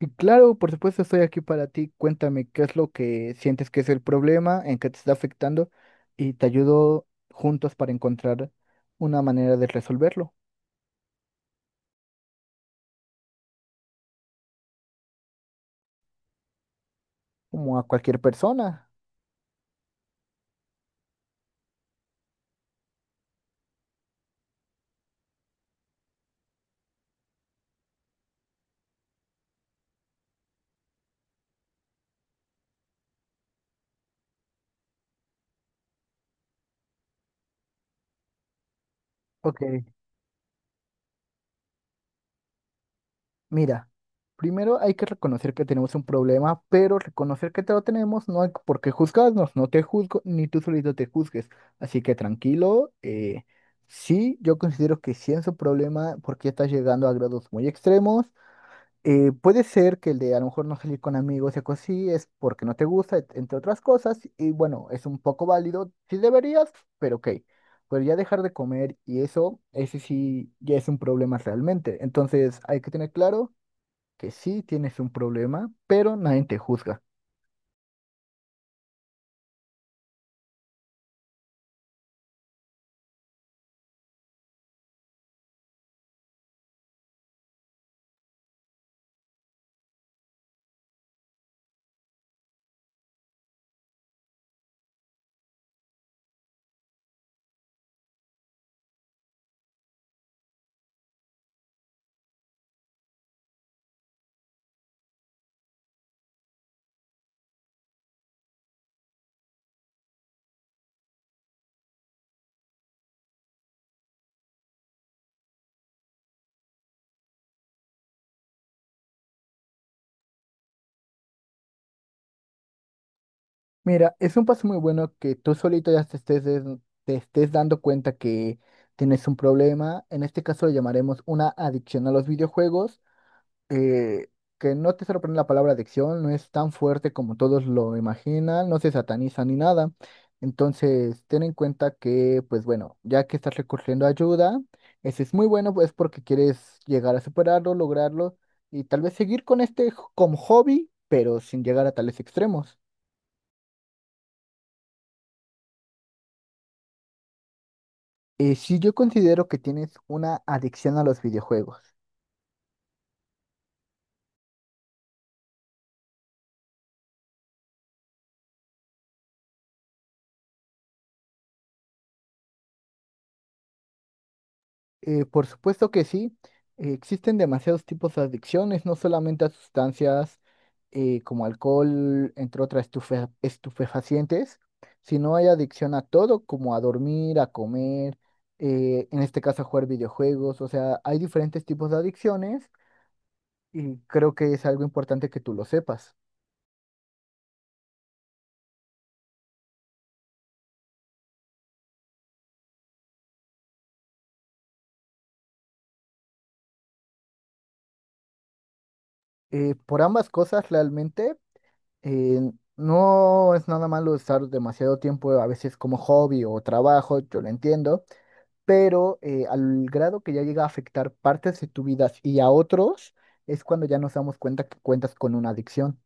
Y claro, por supuesto, estoy aquí para ti. Cuéntame qué es lo que sientes que es el problema, en qué te está afectando y te ayudo juntos para encontrar una manera de resolverlo, como a cualquier persona. Ok, mira, primero hay que reconocer que tenemos un problema, pero reconocer que te lo tenemos no hay por qué juzgarnos, no te juzgo ni tú solito te juzgues. Así que tranquilo, sí, yo considero que sí es un problema porque estás llegando a grados muy extremos. Puede ser que el de a lo mejor no salir con amigos y cosas así es porque no te gusta, entre otras cosas, y bueno, es un poco válido, sí deberías, pero ok. Pero ya dejar de comer y eso, ese sí ya es un problema realmente. Entonces hay que tener claro que sí tienes un problema, pero nadie te juzga. Mira, es un paso muy bueno que tú solito ya te estés, te estés dando cuenta que tienes un problema. En este caso lo llamaremos una adicción a los videojuegos. eh, que no te sorprende la palabra adicción, no es tan fuerte como todos lo imaginan, no se sataniza ni nada. Entonces, ten en cuenta que, pues bueno, ya que estás recurriendo a ayuda, eso es muy bueno, pues porque quieres llegar a superarlo, lograrlo y tal vez seguir con este como hobby, pero sin llegar a tales extremos. Sí, yo considero que tienes una adicción a los videojuegos. Por supuesto que sí, existen demasiados tipos de adicciones, no solamente a sustancias, como alcohol, entre otras estupefacientes, sino hay adicción a todo, como a dormir, a comer, en este caso a jugar videojuegos, o sea, hay diferentes tipos de adicciones y creo que es algo importante que tú lo sepas. Por ambas cosas, realmente, eh, no es nada malo estar demasiado tiempo a veces como hobby o trabajo, yo lo entiendo, pero al grado que ya llega a afectar partes de tu vida y a otros, es cuando ya nos damos cuenta que cuentas con una adicción.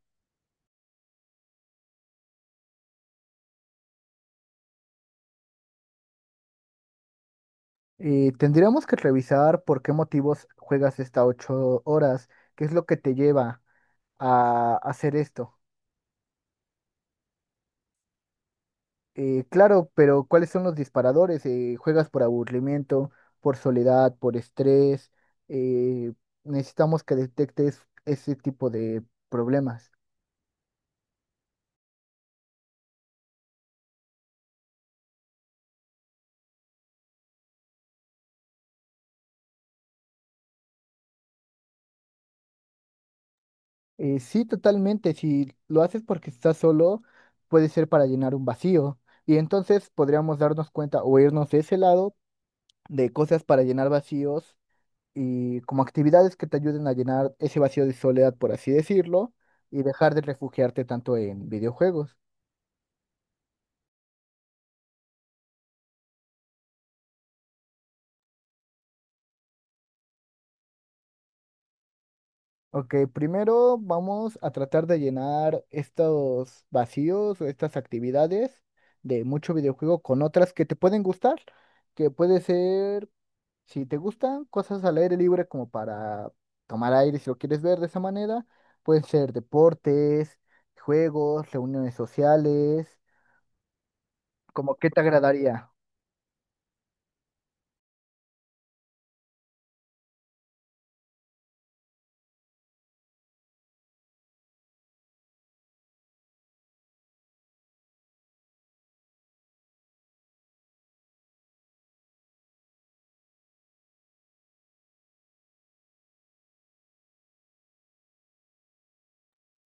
Tendríamos que revisar por qué motivos juegas estas 8 horas, qué es lo que te lleva a hacer esto. Claro, pero ¿cuáles son los disparadores? ¿juegas por aburrimiento, por soledad, por estrés? Eh, Necesitamos que detectes ese tipo de problemas. Sí, totalmente. Si lo haces porque estás solo, puede ser para llenar un vacío. Y entonces podríamos darnos cuenta o irnos de ese lado de cosas para llenar vacíos y como actividades que te ayuden a llenar ese vacío de soledad, por así decirlo, y dejar de refugiarte tanto en videojuegos. Ok, primero vamos a tratar de llenar estos vacíos o estas actividades de mucho videojuego con otras que te pueden gustar, que puede ser. Si te gustan cosas al aire libre como para tomar aire, si lo quieres ver de esa manera, pueden ser deportes, juegos, reuniones sociales, como qué te agradaría.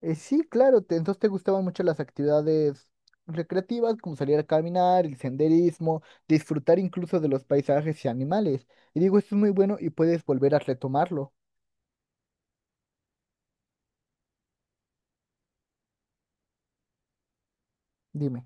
Sí, claro, entonces te gustaban mucho las actividades recreativas, como salir a caminar, el senderismo, disfrutar incluso de los paisajes y animales. Y digo, esto es muy bueno y puedes volver a retomarlo. Dime.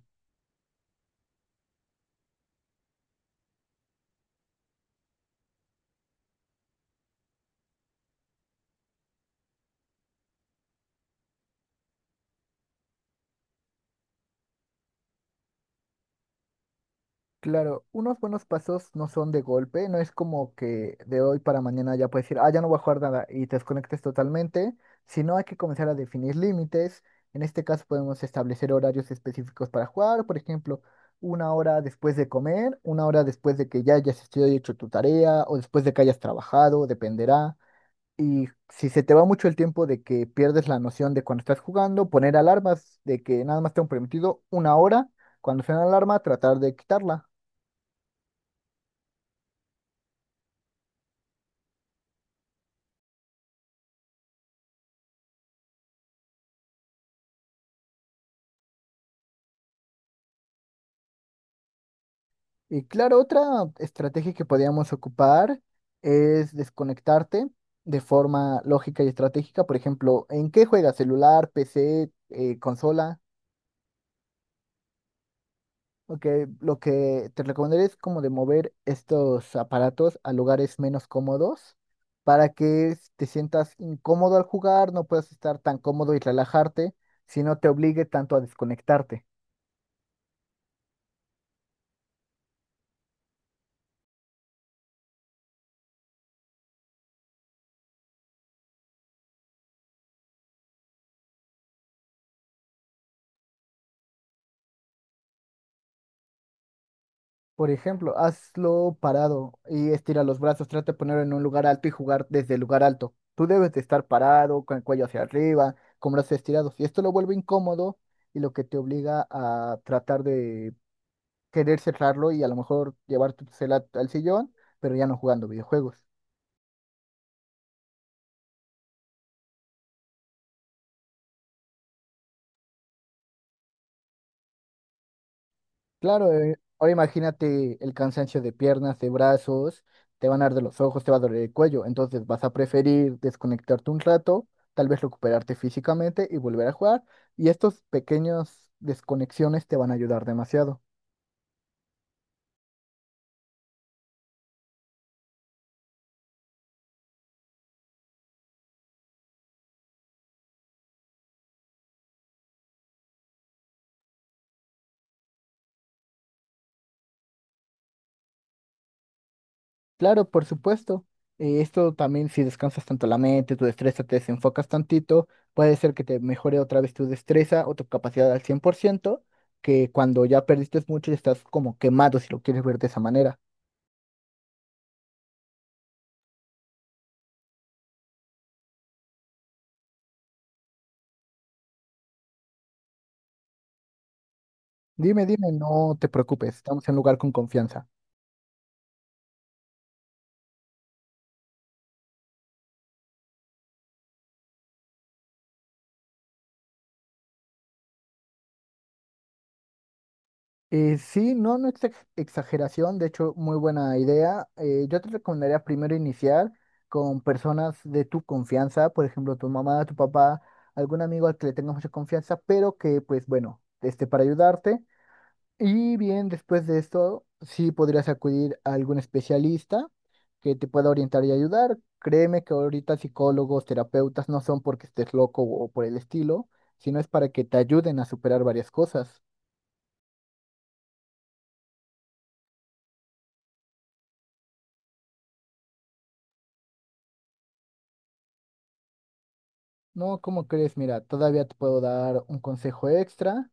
Claro, unos buenos pasos no son de golpe, no es como que de hoy para mañana ya puedes decir, ah, ya no voy a jugar nada y te desconectes totalmente, sino hay que comenzar a definir límites. En este caso podemos establecer horarios específicos para jugar, por ejemplo, 1 hora después de comer, 1 hora después de que ya hayas estudiado y hecho tu tarea o después de que hayas trabajado, dependerá. Y si se te va mucho el tiempo de que pierdes la noción de cuando estás jugando, poner alarmas de que nada más tengo permitido 1 hora, cuando suena la alarma, tratar de quitarla. Y claro, otra estrategia que podíamos ocupar es desconectarte de forma lógica y estratégica. Por ejemplo, ¿en qué juegas? ¿Celular, PC, consola? Ok, lo que te recomendaría es como de mover estos aparatos a lugares menos cómodos para que te sientas incómodo al jugar, no puedas estar tan cómodo y relajarte, si no te obligue tanto a desconectarte. Por ejemplo, hazlo parado y estira los brazos. Trata de ponerlo en un lugar alto y jugar desde el lugar alto. Tú debes de estar parado, con el cuello hacia arriba, con brazos estirados. Y esto lo vuelve incómodo y lo que te obliga a tratar de querer cerrarlo y a lo mejor llevar tu cel al sillón, pero ya no jugando videojuegos. Claro, ahora imagínate el cansancio de piernas, de brazos, te van a arder los ojos, te va a doler el cuello, entonces vas a preferir desconectarte un rato, tal vez recuperarte físicamente y volver a jugar, y estos pequeños desconexiones te van a ayudar demasiado. Claro, por supuesto, esto también si descansas tanto la mente, tu destreza te desenfocas tantito, puede ser que te mejore otra vez tu destreza o tu capacidad al 100%, que cuando ya perdiste mucho y estás como quemado si lo quieres ver de esa manera. Dime, dime, no te preocupes, estamos en un lugar con confianza. Sí, no, no es exageración, de hecho, muy buena idea. Yo te recomendaría primero iniciar con personas de tu confianza, por ejemplo, tu mamá, tu papá, algún amigo al que le tengas mucha confianza, pero que, pues bueno, esté para ayudarte. Y bien, después de esto, sí podrías acudir a algún especialista que te pueda orientar y ayudar. Créeme que ahorita psicólogos, terapeutas no son porque estés loco o por el estilo, sino es para que te ayuden a superar varias cosas. No, ¿cómo crees? Mira, todavía te puedo dar un consejo extra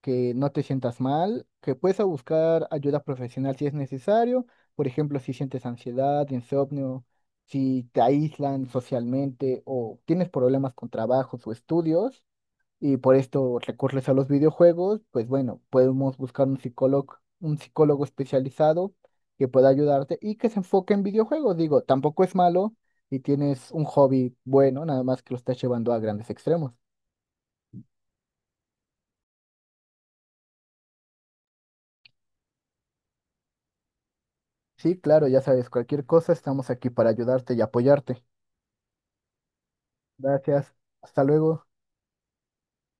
que no te sientas mal, que puedes a buscar ayuda profesional si es necesario, por ejemplo, si sientes ansiedad, insomnio, si te aíslan socialmente o tienes problemas con trabajos o estudios y por esto recurres a los videojuegos, pues bueno, podemos buscar un psicólogo especializado que pueda ayudarte y que se enfoque en videojuegos. Digo, tampoco es malo y tienes un hobby bueno, nada más que lo estás llevando a grandes extremos. Sí, claro, ya sabes, cualquier cosa, estamos aquí para ayudarte y apoyarte. Gracias, hasta luego.